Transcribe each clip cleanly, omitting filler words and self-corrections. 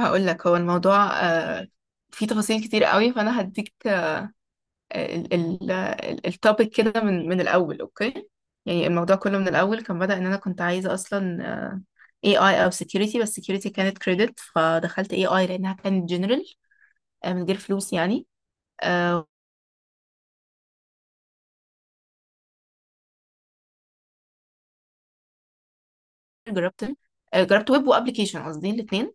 هقول لك هو الموضوع فيه تفاصيل كتير قوي، فانا هديك التوبيك كده من الاول. اوكي، يعني الموضوع كله من الاول كان بدأ ان انا كنت عايزه اصلا اي اي او security. بس security كانت كريدت، فدخلت اي اي لانها كانت جنرال من غير فلوس يعني. آه، جربت جربت ويب وابلكيشن، قصدي الاثنين.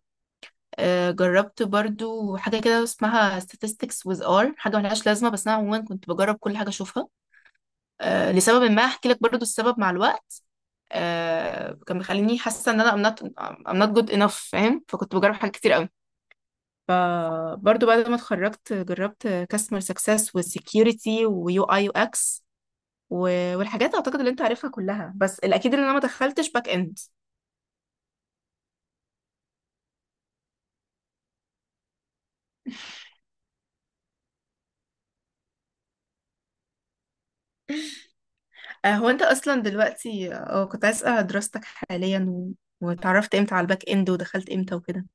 جربت برضو حاجه كده اسمها statistics with R، حاجه ملهاش لازمه، بس انا عموما كنت بجرب كل حاجه اشوفها. لسبب ما هحكي لك برضو السبب مع الوقت. كان مخليني حاسه ان انا I'm not good enough فاهم. فكنت بجرب حاجات كتير قوي. فبرضه بعد ما اتخرجت جربت كاستمر سكسس وسكيورتي ويو اي يو اكس والحاجات اعتقد اللي انت عارفها كلها، بس الاكيد ان انا ما دخلتش باك اند. هو انت اصلا دلوقتي كنت عايز اسال دراستك حاليا و... واتعرفت امتى على الباك اند ودخلت امتى وكده.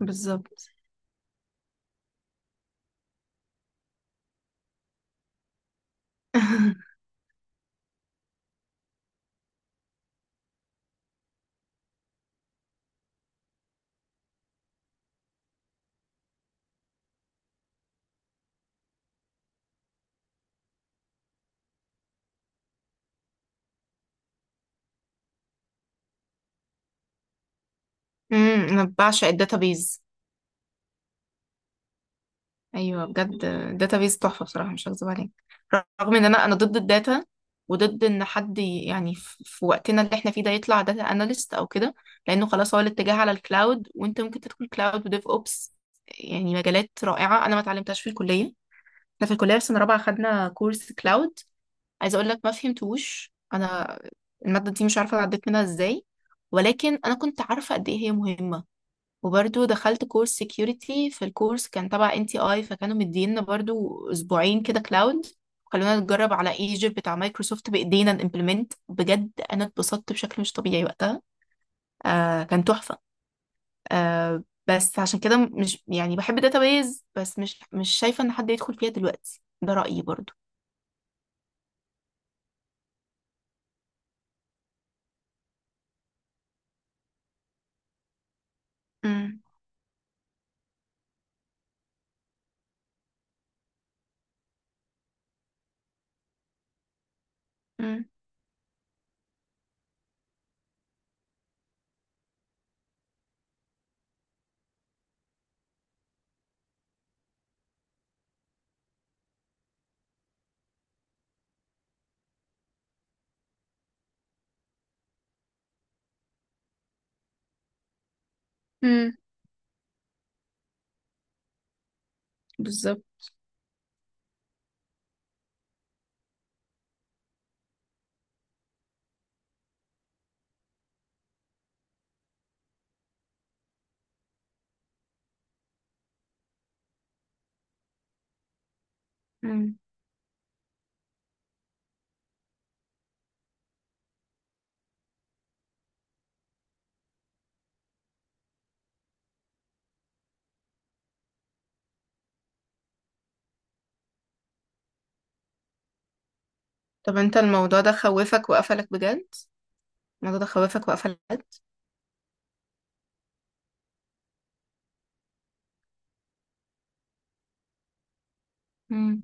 بالظبط. امم، انا بعشق الداتابيز. ايوه، بجد. داتابيز تحفه بصراحه، مش هكذب عليك. رغم ان انا ضد الداتا، وضد ان حد يعني في وقتنا اللي احنا فيه ده يطلع داتا اناليست او كده. لانه خلاص هو الاتجاه على الكلاود، وانت ممكن تدخل كلاود وديف اوبس. يعني مجالات رائعه، انا ما اتعلمتهاش في الكليه. احنا في الكليه في سنه رابعه خدنا كورس كلاود، عايزه اقول لك ما فهمتوش انا. الماده دي مش عارفه عديت منها ازاي، ولكن انا كنت عارفه قد ايه هي مهمه. وبرضو دخلت كورس سكيورتي، في الكورس كان تبع ان تي اي، فكانوا مدينا برضو اسبوعين كده كلاود. خلونا نتجرب على ايجيبت بتاع مايكروسوفت بايدينا نimplement، بجد انا اتبسطت بشكل مش طبيعي وقتها. كان تحفة. بس عشان كده مش يعني بحب الداتابيز بس، مش مش شايفة ان حد يدخل فيها دلوقتي، ده رأيي برضو. امم. امم. امم. بالظبط. امم. طب انت الموضوع ده خوفك وقفلك بجد؟ الموضوع ده خوفك وقفلك بجد؟ امم.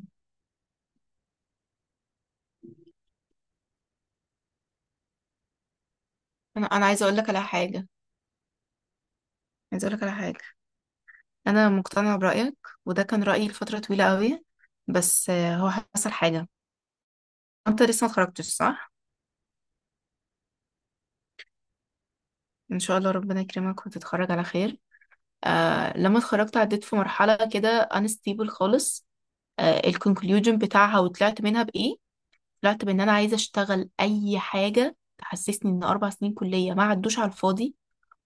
انا عايزة اقول لك على حاجة. عايزة اقول لك على حاجة. انا مقتنعه برايك، وده كان رايي لفتره طويله قوي. بس هو حصل حاجه. انت لسه ما اتخرجتش، صح؟ ان شاء الله ربنا يكرمك وتتخرج على خير. لما اتخرجت عديت في مرحله كده unstable خالص. الكونكلوجن بتاعها وطلعت منها بايه؟ طلعت بان انا عايزه اشتغل اي حاجه تحسسني ان 4 سنين كليه ما عدوش على الفاضي.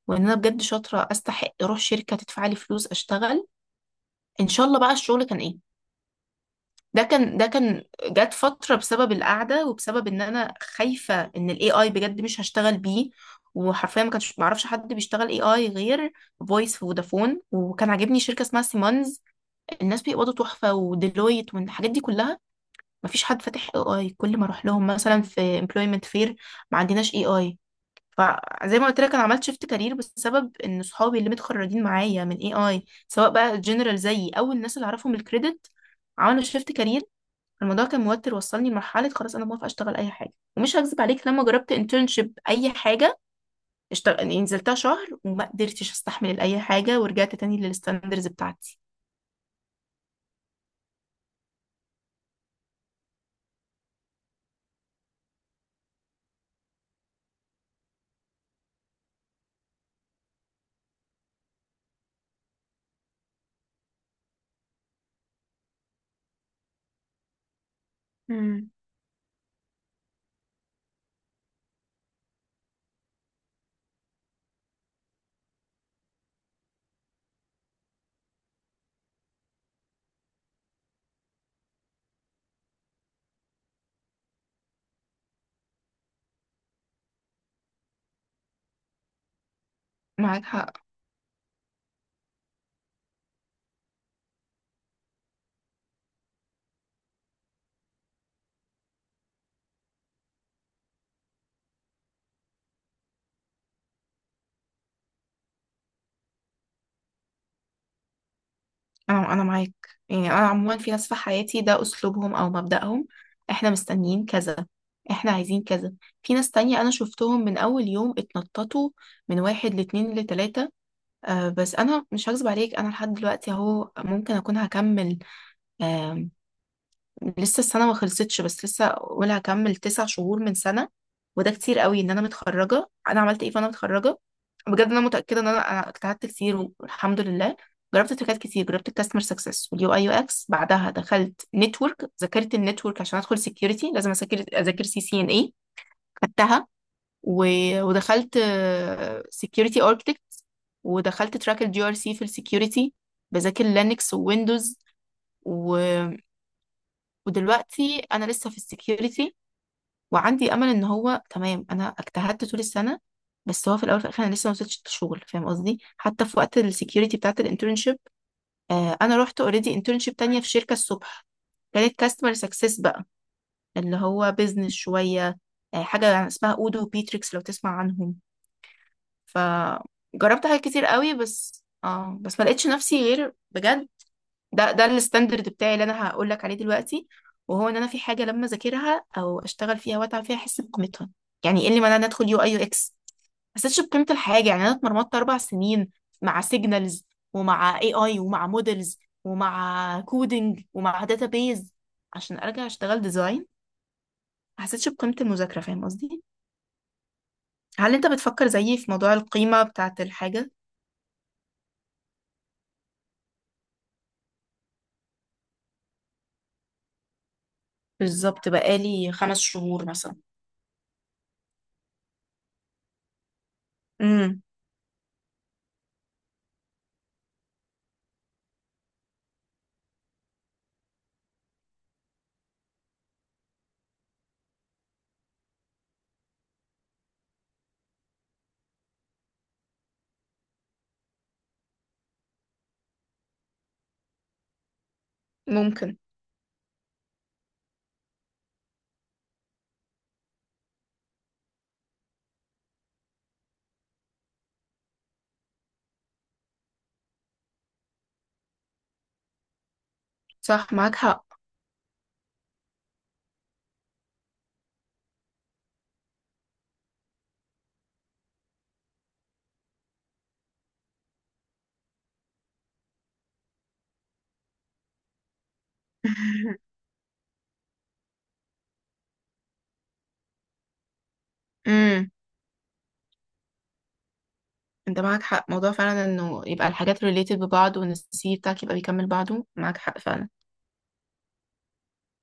وان انا بجد شاطره استحق اروح شركه تدفع لي فلوس اشتغل. ان شاء الله بقى الشغل كان ايه؟ ده كان جات فترة بسبب القعدة، وبسبب ان انا خايفة ان الاي اي بجد مش هشتغل بيه. وحرفيا ما كانش معرفش حد بيشتغل اي اي غير فويس في فودافون. وكان عاجبني شركة اسمها سيمونز، الناس بيقبضوا تحفة، وديلويت، والحاجات دي كلها. مفيش حد فاتح اي اي، كل ما اروح لهم مثلا في امبلويمنت فير، ما عندناش اي اي. فزي ما قلت لك، انا عملت شيفت كارير بسبب ان صحابي اللي متخرجين معايا من اي اي، سواء بقى جنرال زيي او الناس اللي اعرفهم الكريدت، عملوا شيفت كارير. الموضوع كان موتر، وصلني لمرحلة خلاص أنا موافقة أشتغل أي حاجة. ومش هكذب عليك، لما جربت انترنشيب أي حاجة اشتغل، يعني نزلتها شهر وما قدرتش أستحمل أي حاجة، ورجعت تاني للستاندرز بتاعتي. امم. معاك حق. أنا معاك. يعني أنا عموما في ناس في حياتي ده أسلوبهم أو مبدأهم، إحنا مستنيين كذا، إحنا عايزين كذا. في ناس تانية أنا شفتهم من أول يوم اتنططوا من واحد لاتنين لتلاتة. بس أنا مش هكذب عليك، أنا لحد دلوقتي أهو ممكن أكون هكمل. لسه السنة ما خلصتش، بس لسه أقول هكمل 9 شهور من سنة. وده كتير قوي، إن أنا متخرجة. أنا عملت إيه فأنا متخرجة؟ بجد أنا متأكدة إن أنا اجتهدت كتير والحمد لله. جربت تريكات كتير، جربت الكاستمر سكسس واليو اي يو اكس، بعدها دخلت نتورك، ذاكرت النتورك عشان ادخل سكيورتي، لازم اذاكر سي سي ان اي، خدتها. ودخلت سكيورتي اركتكت. ودخلت تراك الجي ار سي في السكيورتي، بذاكر لينكس وويندوز. ودلوقتي انا لسه في السكيورتي، وعندي امل ان هو تمام، انا اجتهدت طول السنه. بس هو في الاول وفي الاخر انا لسه ما وصلتش للشغل، فاهم قصدي؟ حتى في وقت السكيورتي بتاعت الانترنشيب، انا رحت اوريدي انترنشيب تانية في شركه الصبح. كانت كاستمر سكسس بقى، اللي هو بيزنس شويه. حاجه يعني اسمها اودو وبيتريكس، لو تسمع عنهم. فجربت حاجات كتير قوي، بس بس ما لقيتش نفسي غير بجد. ده الستاندرد بتاعي اللي انا هقول لك عليه دلوقتي. وهو ان انا في حاجه لما اذاكرها او اشتغل فيها واتعب فيها، احس بقيمتها. يعني ايه اللي معناه ان ادخل يو اي يو اكس؟ ما حسيتش بقيمه الحاجه. يعني انا اتمرمطت 4 سنين مع سيجنالز ومع اي اي ومع مودلز ومع كودينج ومع داتابيز عشان ارجع اشتغل ديزاين. ما حسيتش بقيمه المذاكره، فاهم قصدي؟ هل انت بتفكر زيي في موضوع القيمه بتاعه الحاجه؟ بالظبط، بقالي 5 شهور مثلا. امم. ممكن. صح، معاك حق. امم. انت معاك حق، موضوع فعلا انه يبقى الحاجات related ببعض، وان السي في بتاعك يبقى بيكمل بعضه. معاك حق فعلا.